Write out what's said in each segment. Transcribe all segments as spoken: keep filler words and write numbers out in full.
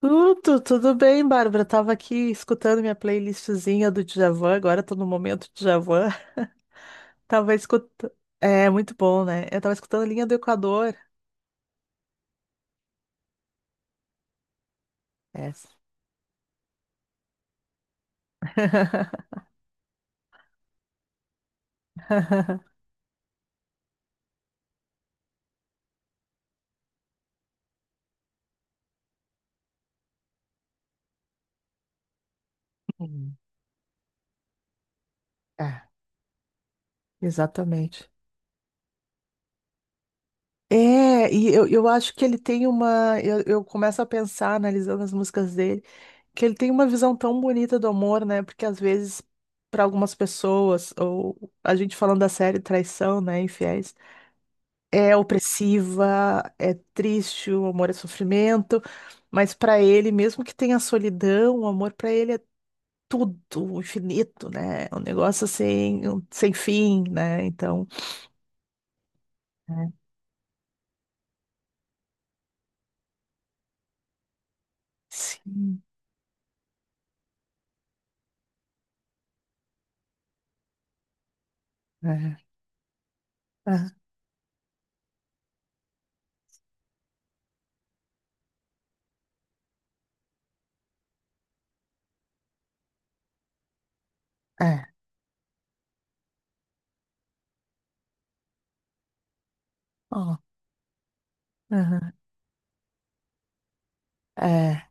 Tudo, tudo bem, Bárbara? Tava aqui escutando minha playlistzinha do Djavan, agora tô no momento Djavan. Tava escutando. É, muito bom, né? Eu tava escutando Linha do Equador. Essa. Hum. É, exatamente. É, e eu, eu acho que ele tem uma. Eu, eu começo a pensar, analisando as músicas dele, que ele tem uma visão tão bonita do amor, né? Porque às vezes, para algumas pessoas, ou a gente falando da série Traição, né? Infiéis. É opressiva, é triste, o amor é sofrimento, mas para ele, mesmo que tenha solidão, o amor para ele é tudo, o infinito, né? É um negócio assim, um- sem fim, né? Então, é. Sim, é, é, é, ó, aham, é,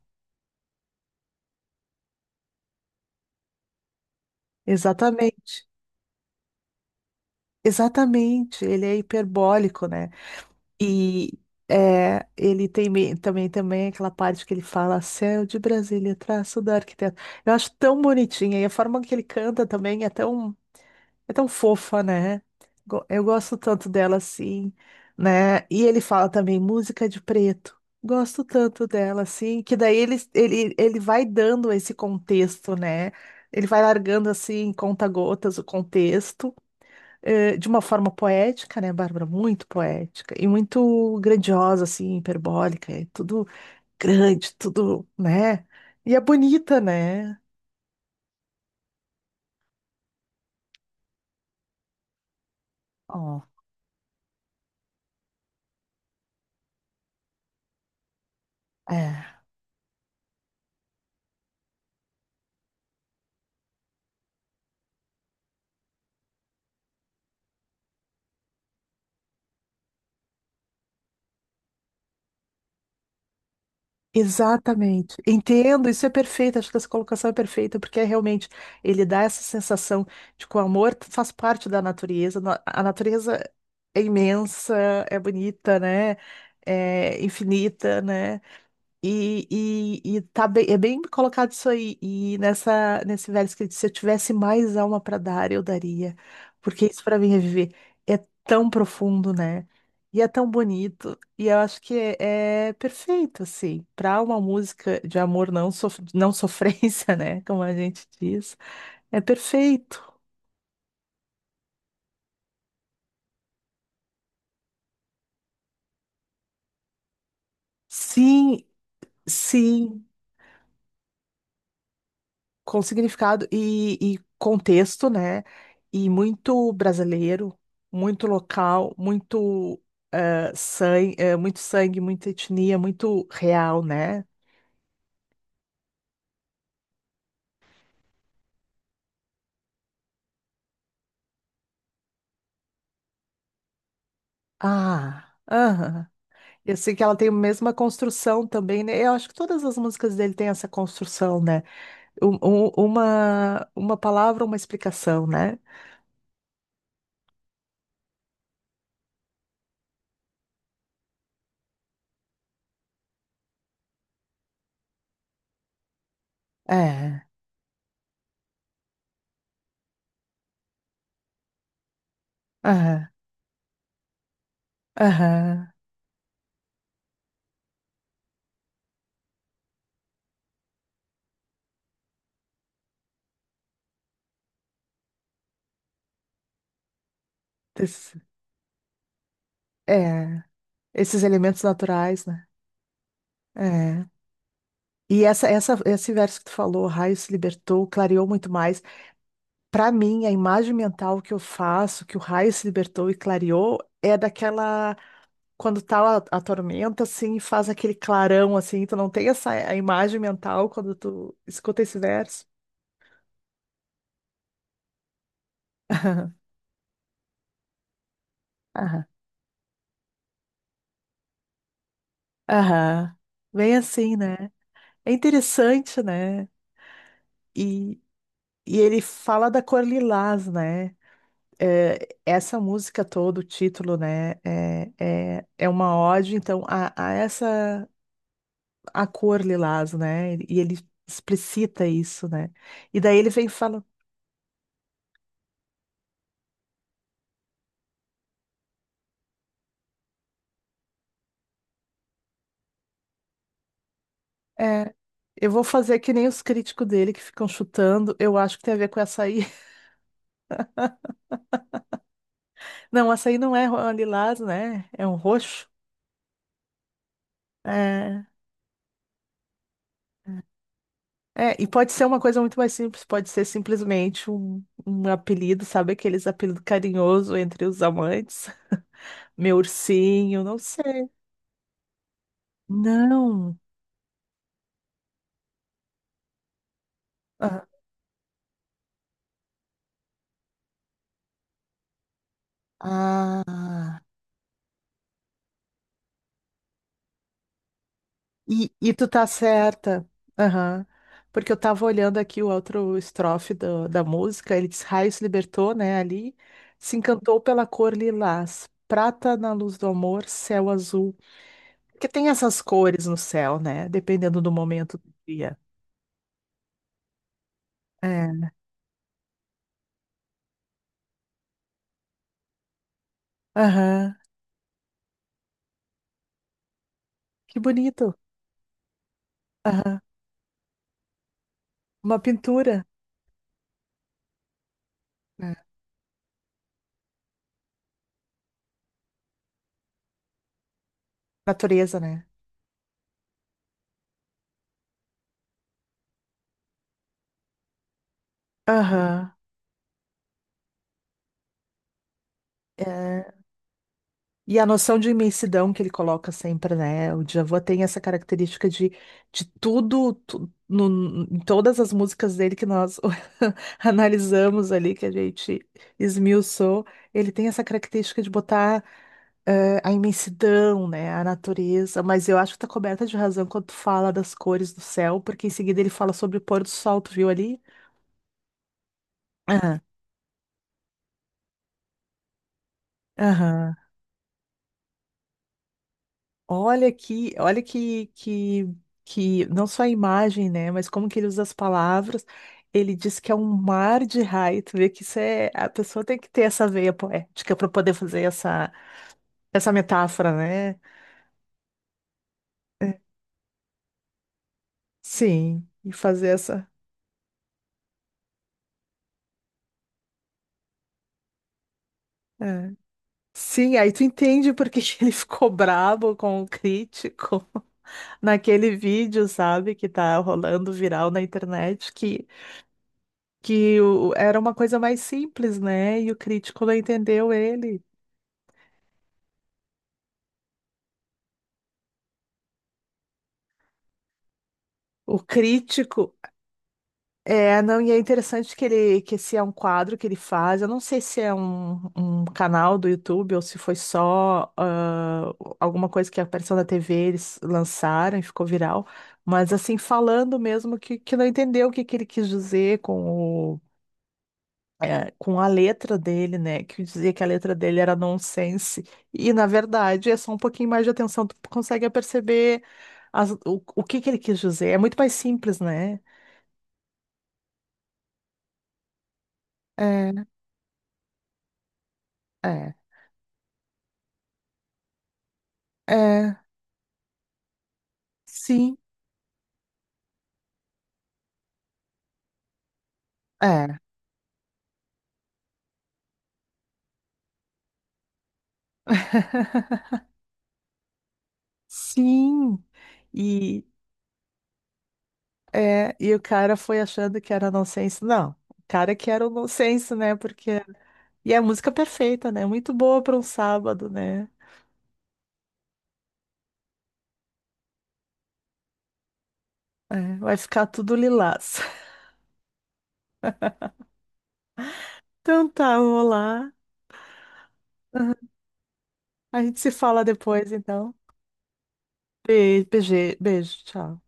exatamente, exatamente, ele é hiperbólico, né? E é, ele tem me- também, também aquela parte que ele fala Céu de Brasília, traço do arquiteto. Eu acho tão bonitinha. E a forma que ele canta também é tão, é tão fofa, né? Go- Eu gosto tanto dela assim, né? E ele fala também música de preto. Gosto tanto dela assim, que daí ele, ele, ele vai dando esse contexto, né? Ele vai largando assim, conta-gotas, o contexto eh, de uma forma poética, né, Bárbara? Muito poética e muito grandiosa, assim, hiperbólica, é tudo grande, tudo, né? E é bonita, né? Ó, é. Exatamente. Entendo, isso é perfeito, acho que essa colocação é perfeita, porque é realmente ele dá essa sensação de que o amor faz parte da natureza, na- a natureza é imensa, é bonita, né? É infinita, né? E, e, e tá bem, é bem colocado isso aí. E nessa, nesse verso que ele disse, se eu tivesse mais alma para dar, eu daria. Porque isso para mim é viver. É tão profundo, né? E é tão bonito. E eu acho que é, é perfeito, assim, para uma música de amor não, sof- não sofrência, né? Como a gente diz. É perfeito. Sim, sim. Com significado e, e contexto, né? E muito brasileiro, muito local, muito eh, sangue, eh, muito sangue, muita etnia, muito real, né? Ah, aham. Eu sei que ela tem a mesma construção também, né? Eu acho que todas as músicas dele têm essa construção, né? Um- um- uma, uma palavra, uma explicação, né? É, aham, aham. Esse- É, esses elementos naturais, né? É. E essa, essa, esse verso que tu falou, o raio se libertou, clareou muito mais. Para mim, a imagem mental que eu faço, que o raio se libertou e clareou, é daquela quando tá a, a tormenta assim, e faz aquele clarão assim, tu não tem essa a imagem mental quando tu escuta esse verso. Aham. Aham. Aham. Bem assim, né? É interessante, né? E, e ele fala da cor lilás, né? É, essa música toda, o título, né, é, é, é uma ode, então, a, a essa, a cor lilás, né, e ele explicita isso, né, e daí ele vem e fala, é, eu vou fazer que nem os críticos dele que ficam chutando, eu acho que tem a ver com açaí, não, açaí não é ro- lilás, né, é um roxo, é, é, e pode ser uma coisa muito mais simples, pode ser simplesmente um, um apelido, sabe, aqueles apelidos carinhoso entre os amantes, meu ursinho, não sei. Não. Ah, ah, e, e tu tá certa. Aham. Porque eu tava olhando aqui o outro estrofe do- da música, ele diz, raio se libertou, né, ali, se encantou pela cor lilás, prata na luz do amor, céu azul. Porque tem essas cores no céu, né, dependendo do momento do dia. É. Aham. Que bonito. Aham. Uma pintura. É. Natureza, né? Aham. É. E a noção de imensidão que ele coloca sempre, né? O Djavan tem essa característica de, de tudo, tu- no- em todas as músicas dele que nós analisamos ali, que a gente esmiuçou, ele tem essa característica de botar eh, a imensidão, né? A natureza. Mas eu acho que tá coberta de razão quando tu fala das cores do céu, porque em seguida ele fala sobre o pôr do sol, tu viu ali? Aham, aham. Olha que, olha que, que, que não só a imagem, né, mas como que ele usa as palavras. Ele diz que é um mar de raio. Tu vê que isso é, a pessoa tem que ter essa veia poética para poder fazer essa, essa metáfora, né? É, sim, e fazer essa. É. Sim, aí tu entende porque que ele ficou brabo com o crítico naquele vídeo, sabe, que tá rolando viral na internet, que que o- era uma coisa mais simples, né? E o crítico não entendeu ele. O crítico. É, não, e é interessante que ele, que esse é um quadro que ele faz. Eu não sei se é um, um canal do YouTube ou se foi só ah, alguma coisa que apareceu na T V, eles lançaram e ficou viral. Mas assim, falando mesmo que, que não entendeu o que, que ele quis dizer com é, com a letra dele, né? Que dizia que a letra dele era nonsense. E, na verdade, é só um pouquinho mais de atenção, tu consegue perceber as- o, o que que ele quis dizer. É muito mais simples, né? É, é, é, sim, é, sim. E, é, e o cara foi achando que era nonsense. Não, o cara que era o nonsense, né? Porque... E é a música perfeita, né? Muito boa para um sábado, né? É, vai ficar tudo lilás. Então tá, vamos lá. A gente se fala depois, então. Beijo, beijo, beijo, tchau.